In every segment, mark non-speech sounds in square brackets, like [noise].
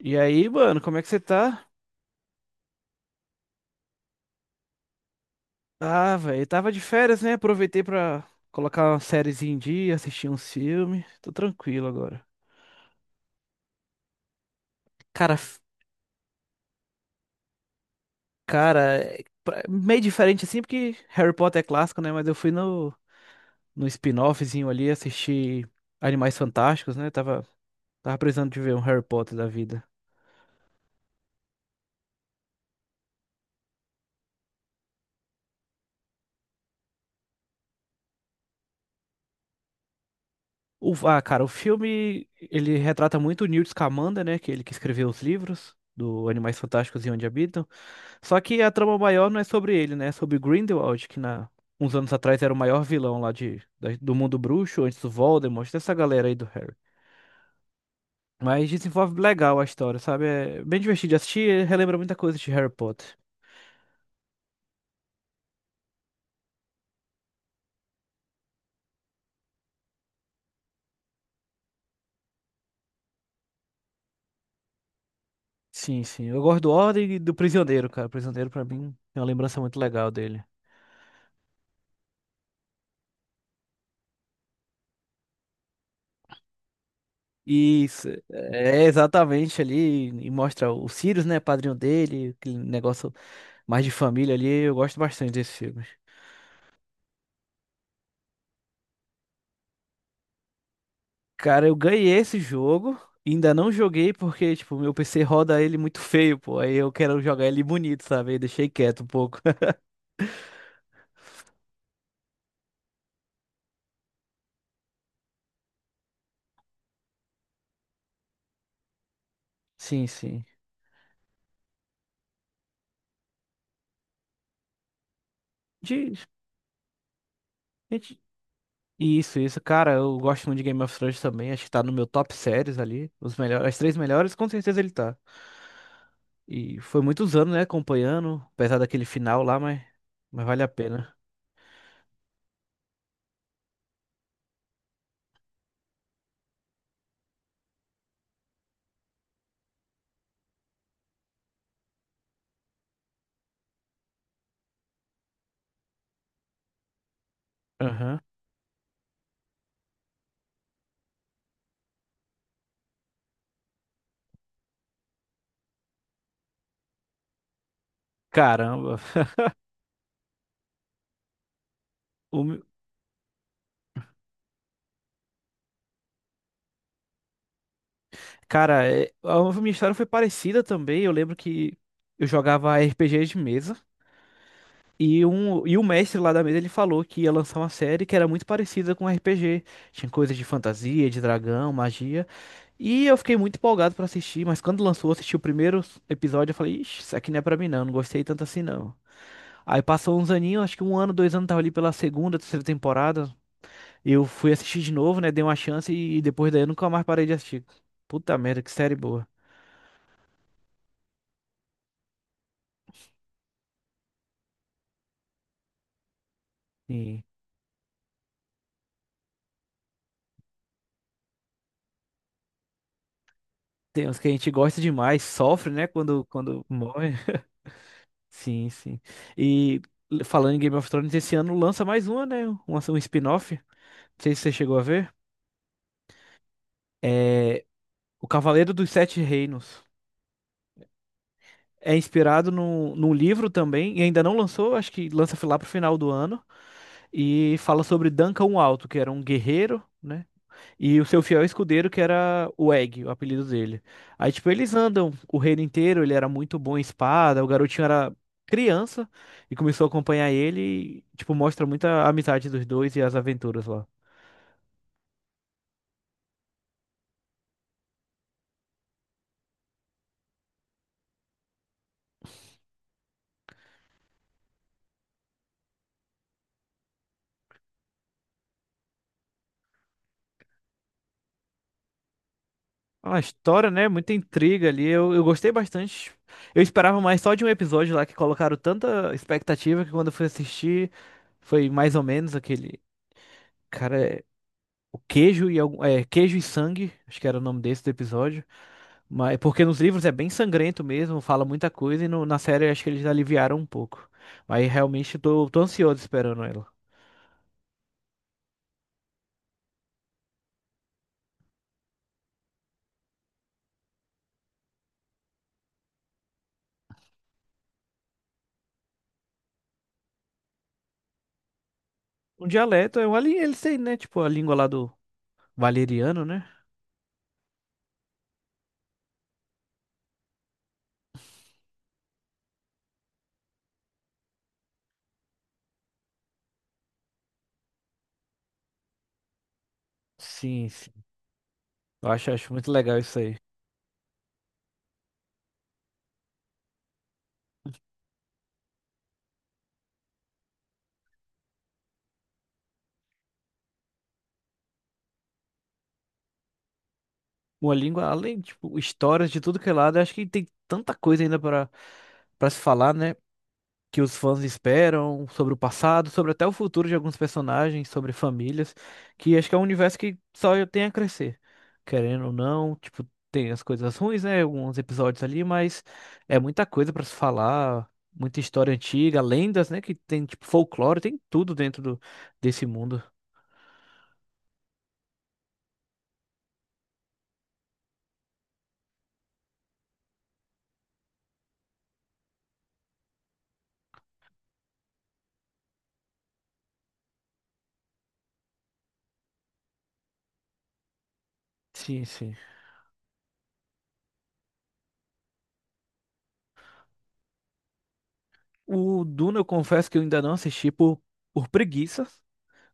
E aí, mano, como é que você tá? Ah, velho, tava de férias, né? Aproveitei pra colocar uma sériezinha em dia, assistir uns filmes. Tô tranquilo agora. Cara, f- cara, meio diferente assim, porque Harry Potter é clássico, né? Mas eu fui no spin-offzinho ali, assisti Animais Fantásticos, né? Tava precisando de ver um Harry Potter da vida. Cara, o filme, ele retrata muito o Newt Scamander, né? Que é ele que escreveu os livros do Animais Fantásticos e Onde Habitam. Só que a trama maior não é sobre ele, né? É sobre Grindelwald, que na... uns anos atrás era o maior vilão lá de... do mundo bruxo, antes do Voldemort, dessa galera aí do Harry. Mas desenvolve legal a história, sabe? É bem divertido de assistir, relembra muita coisa de Harry Potter. Sim, sim. Eu gosto do Ordem e do Prisioneiro, cara. O Prisioneiro, pra mim, é uma lembrança muito legal dele. Isso, é exatamente ali, e mostra o Sirius, né, padrinho dele, aquele negócio mais de família ali, eu gosto bastante desse filme. Cara, eu ganhei esse jogo, ainda não joguei porque, tipo, meu PC roda ele muito feio, pô. Aí eu quero jogar ele bonito, sabe? Aí deixei quieto um pouco. [laughs] Sim, sim. De... de- Isso, isso. Cara, eu gosto muito de Game of Thrones também. Acho que tá no meu top séries ali. Os melhores, as três melhores, com certeza ele tá. E foi muitos anos, né, acompanhando, apesar daquele final lá, mas vale a pena. Aham. Caramba. O meu- Cara, a minha história foi parecida também. Eu lembro que eu jogava RPG de mesa. E o mestre lá da mesa ele falou que ia lançar uma série que era muito parecida com RPG. Tinha coisas de fantasia, de dragão, magia. E eu fiquei muito empolgado pra assistir, mas quando lançou, eu assisti o primeiro episódio, eu falei, ixi, isso aqui não é pra mim não, não gostei tanto assim não. Aí passou uns aninhos, acho que um ano, dois anos, tava ali pela segunda, terceira temporada. Eu fui assistir de novo, né, dei uma chance e depois daí eu nunca mais parei de assistir. Puta merda, que série boa. E tem uns que a gente gosta demais, sofre, né, quando morre. Sim, sim. E falando em Game of Thrones, esse ano lança mais uma, né? Um spin-off. Não sei se você chegou a ver. É O Cavaleiro dos Sete Reinos. É inspirado num livro também, e ainda não lançou, acho que lança lá pro final do ano. E fala sobre Duncan o Alto, que era um guerreiro, né? E o seu fiel escudeiro, que era o Egg, o apelido dele. Aí, tipo, eles andam o reino inteiro, ele era muito bom em espada, o garotinho era criança e começou a acompanhar ele, e, tipo, mostra muita amizade dos dois e as aventuras lá. A história, né? Muita intriga ali, eu gostei bastante. Eu esperava mais só de um episódio lá que colocaram tanta expectativa que quando eu fui assistir foi mais ou menos aquele. Cara, é, o queijo e algum, é, queijo e sangue, acho que era o nome desse do episódio. Mas, é porque nos livros é bem sangrento mesmo, fala muita coisa, e na série eu acho que eles aliviaram um pouco. Mas realmente eu tô, tô ansioso esperando ela. Um dialeto, é um ali, eles têm, né? Tipo, a língua lá do valeriano, né? Sim, sim. Eu acho, acho muito legal isso aí. Uma língua, além, tipo, histórias de tudo que é lado, eu acho que tem tanta coisa ainda para se falar, né? Que os fãs esperam, sobre o passado, sobre até o futuro de alguns personagens, sobre famílias, que acho que é um universo que só tem a crescer, querendo ou não, tipo, tem as coisas ruins, né, alguns episódios ali, mas é muita coisa pra se falar, muita história antiga, lendas, né, que tem tipo folclore, tem tudo dentro desse mundo. Sim, sim. O Duna, eu confesso que eu ainda não assisti por preguiça.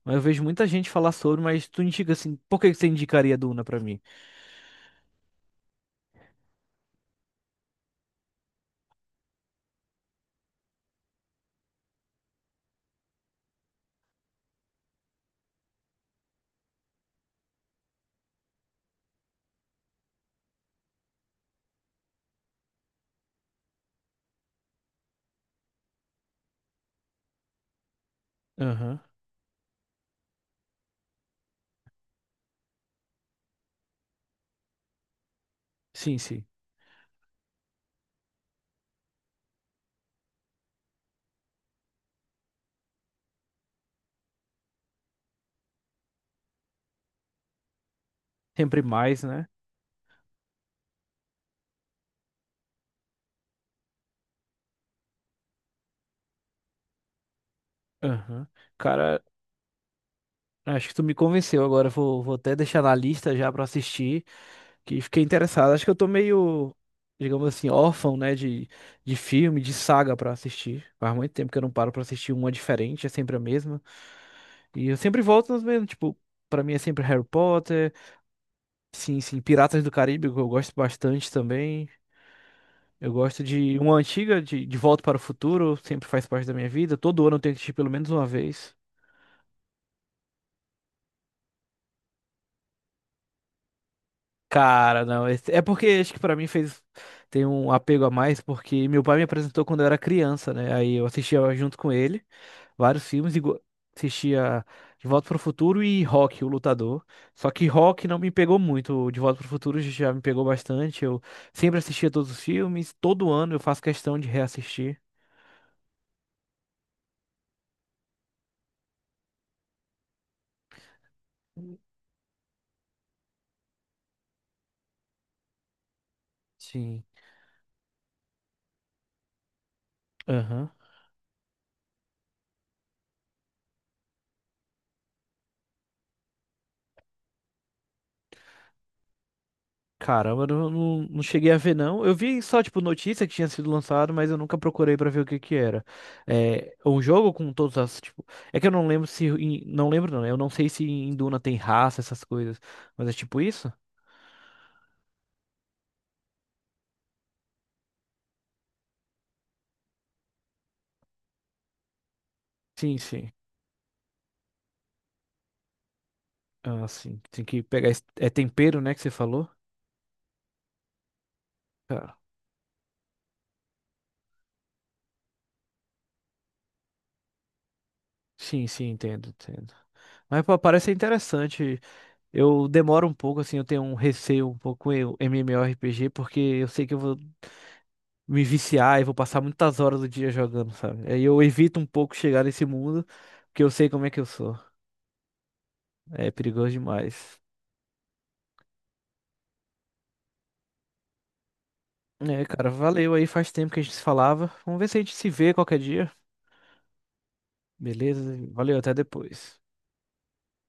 Mas eu vejo muita gente falar sobre, mas tu indica assim, por que que você indicaria Duna pra mim? Aham. Sim, sim. Sempre mais, né? Aham. Cara, acho que tu me convenceu agora. Vou até deixar na lista já pra assistir, que fiquei interessado. Acho que eu tô meio, digamos assim, órfão, né, de filme, de saga pra assistir. Faz muito tempo que eu não paro pra assistir uma diferente, é sempre a mesma. E eu sempre volto nos mesmos, tipo, pra mim é sempre Harry Potter, sim, sim, Piratas do Caribe, que eu gosto bastante também. Eu gosto de uma antiga, de Volta para o Futuro, sempre faz parte da minha vida. Todo ano eu tenho que assistir pelo menos uma vez. Cara, não. É porque acho que pra mim fez. Tem um apego a mais, porque meu pai me apresentou quando eu era criança, né? Aí eu assistia junto com ele vários filmes, e assistia De Volta pro Futuro e Rock, o Lutador. Só que Rock não me pegou muito. O De Volta pro Futuro já me pegou bastante. Eu sempre assistia todos os filmes, todo ano eu faço questão de reassistir. Sim. Aham. Caramba, eu não, não, não cheguei a ver, não. Eu vi só, tipo, notícia que tinha sido lançado, mas eu nunca procurei pra ver o que que era. É um jogo com todas as, tipo... É que eu não lembro se... Não lembro, não. Né? Eu não sei se em Duna tem raça, essas coisas. Mas é tipo isso? Sim, sim. Ah, sim. Tem que pegar... É tempero, né, que você falou? Cara, sim, sim, entendo, entendo. Mas, pô, parece interessante. Eu demoro um pouco, assim, eu tenho um receio um pouco com o MMORPG, porque eu sei que eu vou me viciar e vou passar muitas horas do dia jogando, sabe? Aí eu evito um pouco chegar nesse mundo, porque eu sei como é que eu sou. É perigoso demais. É, cara, valeu aí, faz tempo que a gente se falava. Vamos ver se a gente se vê qualquer dia. Beleza? Valeu, até depois.